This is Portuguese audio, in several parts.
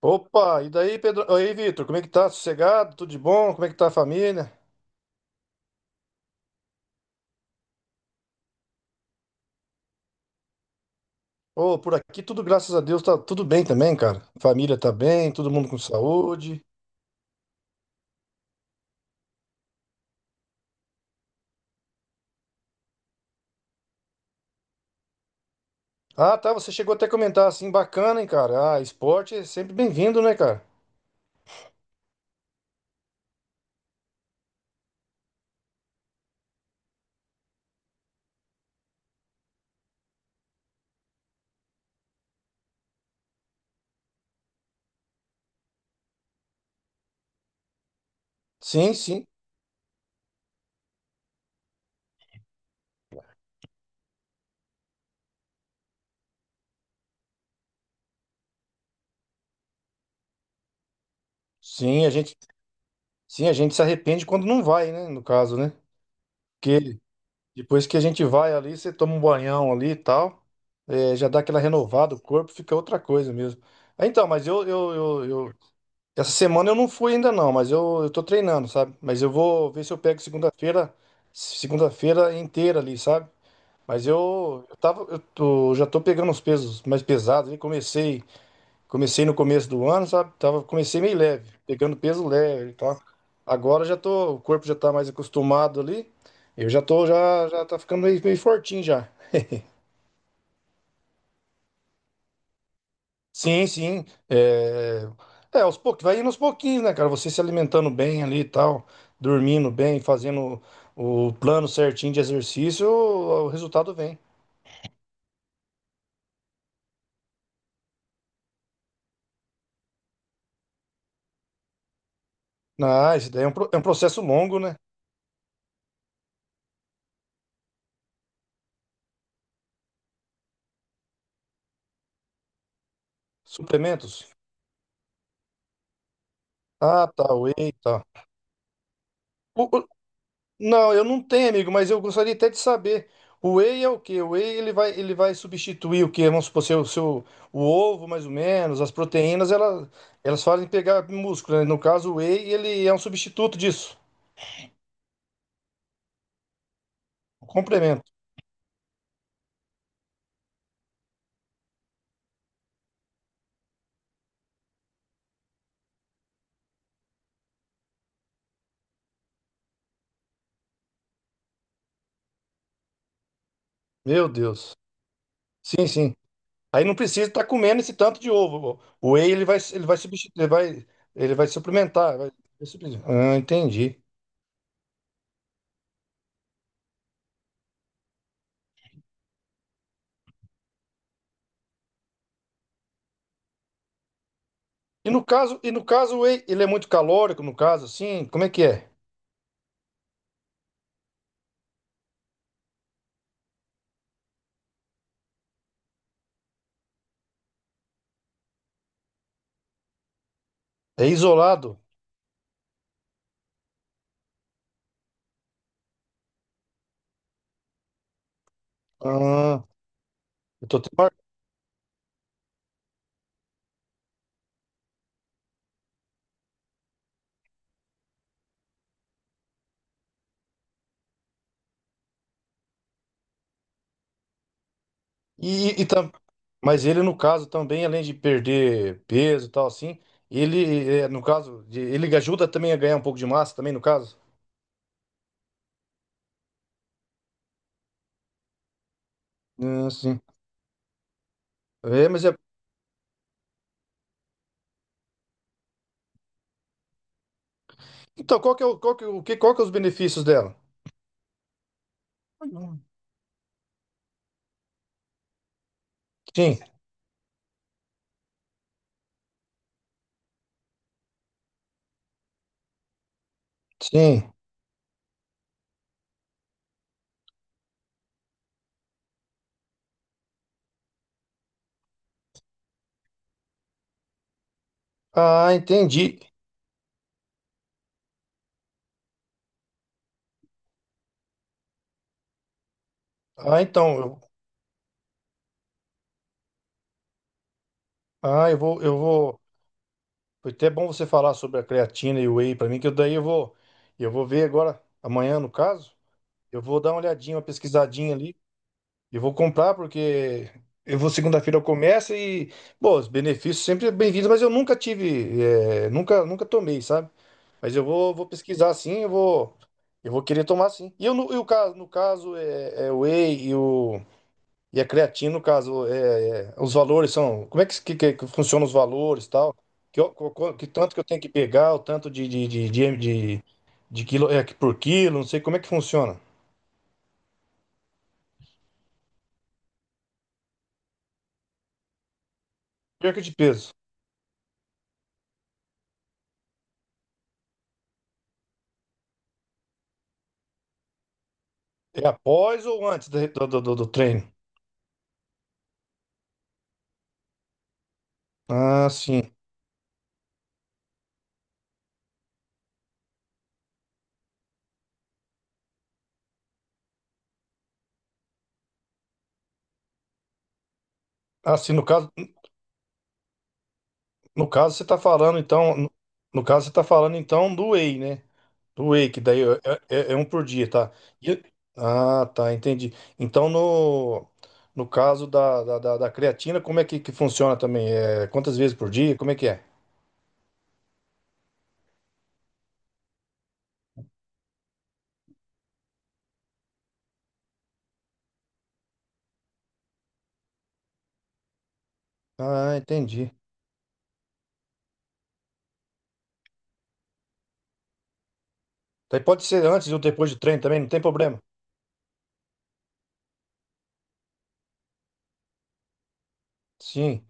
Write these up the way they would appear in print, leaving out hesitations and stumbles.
Opa, e daí, Pedro? Oi, Vitor, como é que tá? Sossegado? Tudo de bom? Como é que tá a família? Ô, por aqui tudo, graças a Deus, tá tudo bem também, cara. Família tá bem, todo mundo com saúde. Ah, tá, você chegou até a comentar assim, bacana, hein, cara? Ah, esporte é sempre bem-vindo, né, cara? Sim, sim. Sim, sim, a gente se arrepende quando não vai, né, no caso, né? Porque depois que a gente vai ali, você toma um banhão ali e tal, é, já dá aquela renovada, o corpo fica outra coisa mesmo. Ah, Então, mas eu, eu, eu, eu, Essa semana eu não fui ainda não, mas eu tô treinando, sabe? Mas eu vou ver se eu pego segunda-feira, segunda-feira inteira ali, sabe? Mas eu já tô pegando os pesos mais pesados ali, comecei no começo do ano, sabe? Comecei meio leve, pegando peso leve e tal. Agora o corpo já tá mais acostumado ali, eu já tô, já, já tá ficando meio fortinho já. Sim, sim. É, aos poucos, vai indo aos pouquinhos, né, cara? Você se alimentando bem ali e tal, dormindo bem, fazendo o plano certinho de exercício, o resultado vem. Ah, isso daí é um processo longo, né? Suplementos? Ah, tá, whey e tal. O- o- não, eu não tenho, amigo, mas eu gostaria até de saber. O whey é o quê? O whey ele vai substituir o quê? Vamos supor, o ovo, mais ou menos, as proteínas, elas fazem pegar músculo, né? No caso, o whey, ele é um substituto disso. O complemento. Meu Deus. Sim, sim. Aí não precisa estar comendo esse tanto de ovo. O whey ele vai substituir, ele vai suplementar. Vai suplementar. Ah, entendi. E no caso, o whey, ele é muito calórico, no caso, assim, como é que é? É isolado? Ah, eu tô tendo. E, e tam- Mas ele, no caso, também, além de perder peso e tal, assim, ele, no caso, ele ajuda também a ganhar um pouco de massa, também, no caso? Ah, sim. É, mas é. Então, qual que é os benefícios dela? Sim, sim. Ah, entendi. Ah, então, eu vou. Foi até bom você falar sobre a creatina e o whey para mim, que eu daí eu vou, ver agora, amanhã no caso, eu vou dar uma olhadinha, uma pesquisadinha ali, e vou comprar porque eu vou segunda-feira eu começo e, bom, os benefícios sempre bem-vindos, mas eu nunca tive, nunca tomei, sabe? Mas eu vou pesquisar sim, eu vou querer tomar sim. E eu no, no caso é o whey e o. E a creatina, no caso, os valores são. Como é que funciona os valores e tal? Que tanto que eu tenho que pegar, o tanto de- de quilo é, por quilo, não sei como é que funciona. Perca de peso. É após ou antes do treino? Ah, sim. Ah, sim, no caso você está falando, então. No, no caso, você está falando então do whey, né? Do Wake, daí é um por dia, tá? E eu- Ah, tá, entendi. Então, no caso da creatina, como é que funciona também? Quantas vezes por dia? Como é que é? Ah, entendi. Daí pode ser antes ou depois do treino também, não tem problema. Sim.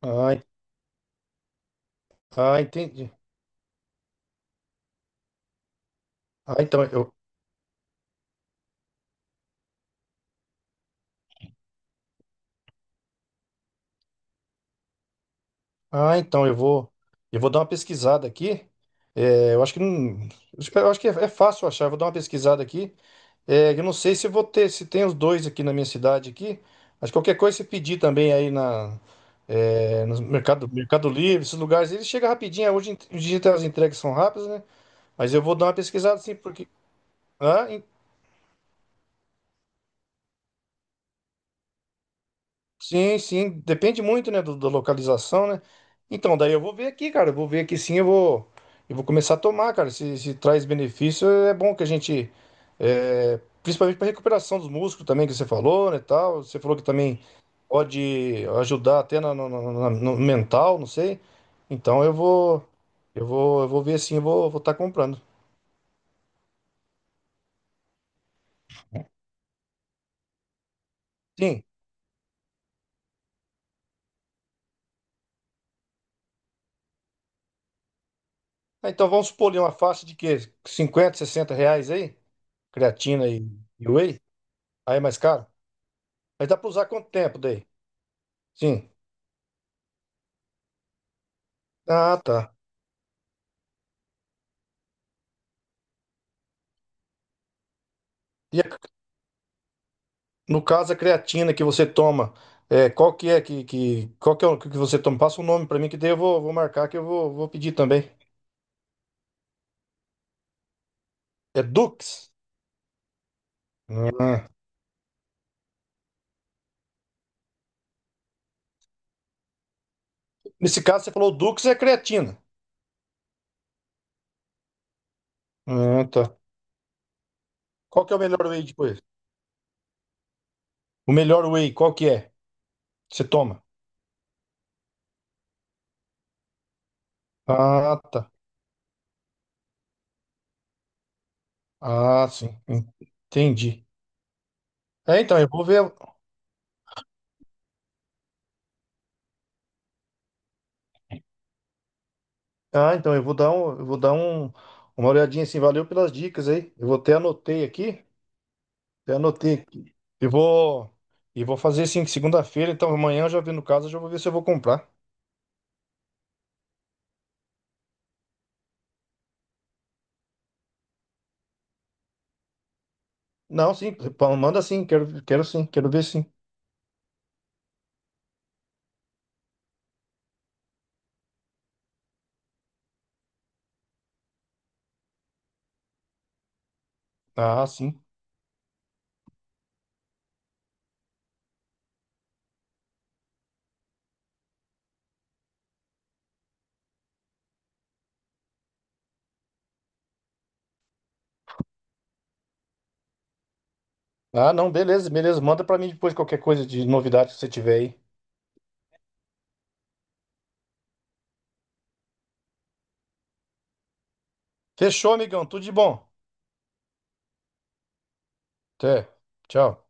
Ah, en- ah, entendi. Ah, então eu, ah, então, eu vou dar uma pesquisada aqui. É, eu acho que não, eu acho que é fácil achar. Eu vou dar uma pesquisada aqui. É, eu não sei se vou ter, se tem os dois aqui na minha cidade aqui, mas qualquer coisa você pedir também aí no Mercado Livre, esses lugares, ele chega rapidinho, hoje em dia as entregas são rápidas, né? Mas eu vou dar uma pesquisada assim, porque. Hã? Sim, sim, depende muito, né, da localização, né? Então, daí eu vou ver aqui, cara, eu vou ver aqui sim, eu vou começar a tomar, cara, se traz benefício, é bom que a gente, é, principalmente para recuperação dos músculos também, que você falou, né, tal, você falou que também pode ajudar até no mental, não sei, então eu vou ver sim, vou estar comprando. Sim. Ah, então vamos supor ali uma faixa de quê? 50, 60 reais aí? Creatina e whey? Aí é mais caro? Mas dá pra usar quanto tempo daí? Sim. Ah, tá. E a- no caso, a creatina que você toma, qual que é o que você toma? Passa o nome pra mim que daí eu vou marcar que eu vou pedir também. É Dux? Ah. Nesse caso, você falou Dux é creatina. Ah, tá. Qual que é o melhor whey depois? O melhor whey, qual que é? Que você toma? Ah, tá. Ah, sim. Entendi. É, então, eu vou ver. Ah, então, eu vou dar uma olhadinha assim. Valeu pelas dicas aí. Eu vou até anotei aqui. Eu anotei aqui. E vou, e vou fazer sim, segunda-feira, então amanhã eu já vi no caso, eu já vou ver se eu vou comprar. Não, sim, manda sim, quero sim, quero ver sim. Ah, sim. Ah, não, beleza, beleza. Manda pra mim depois qualquer coisa de novidade que você tiver aí. Fechou, amigão, tudo de bom. Até. Tchau.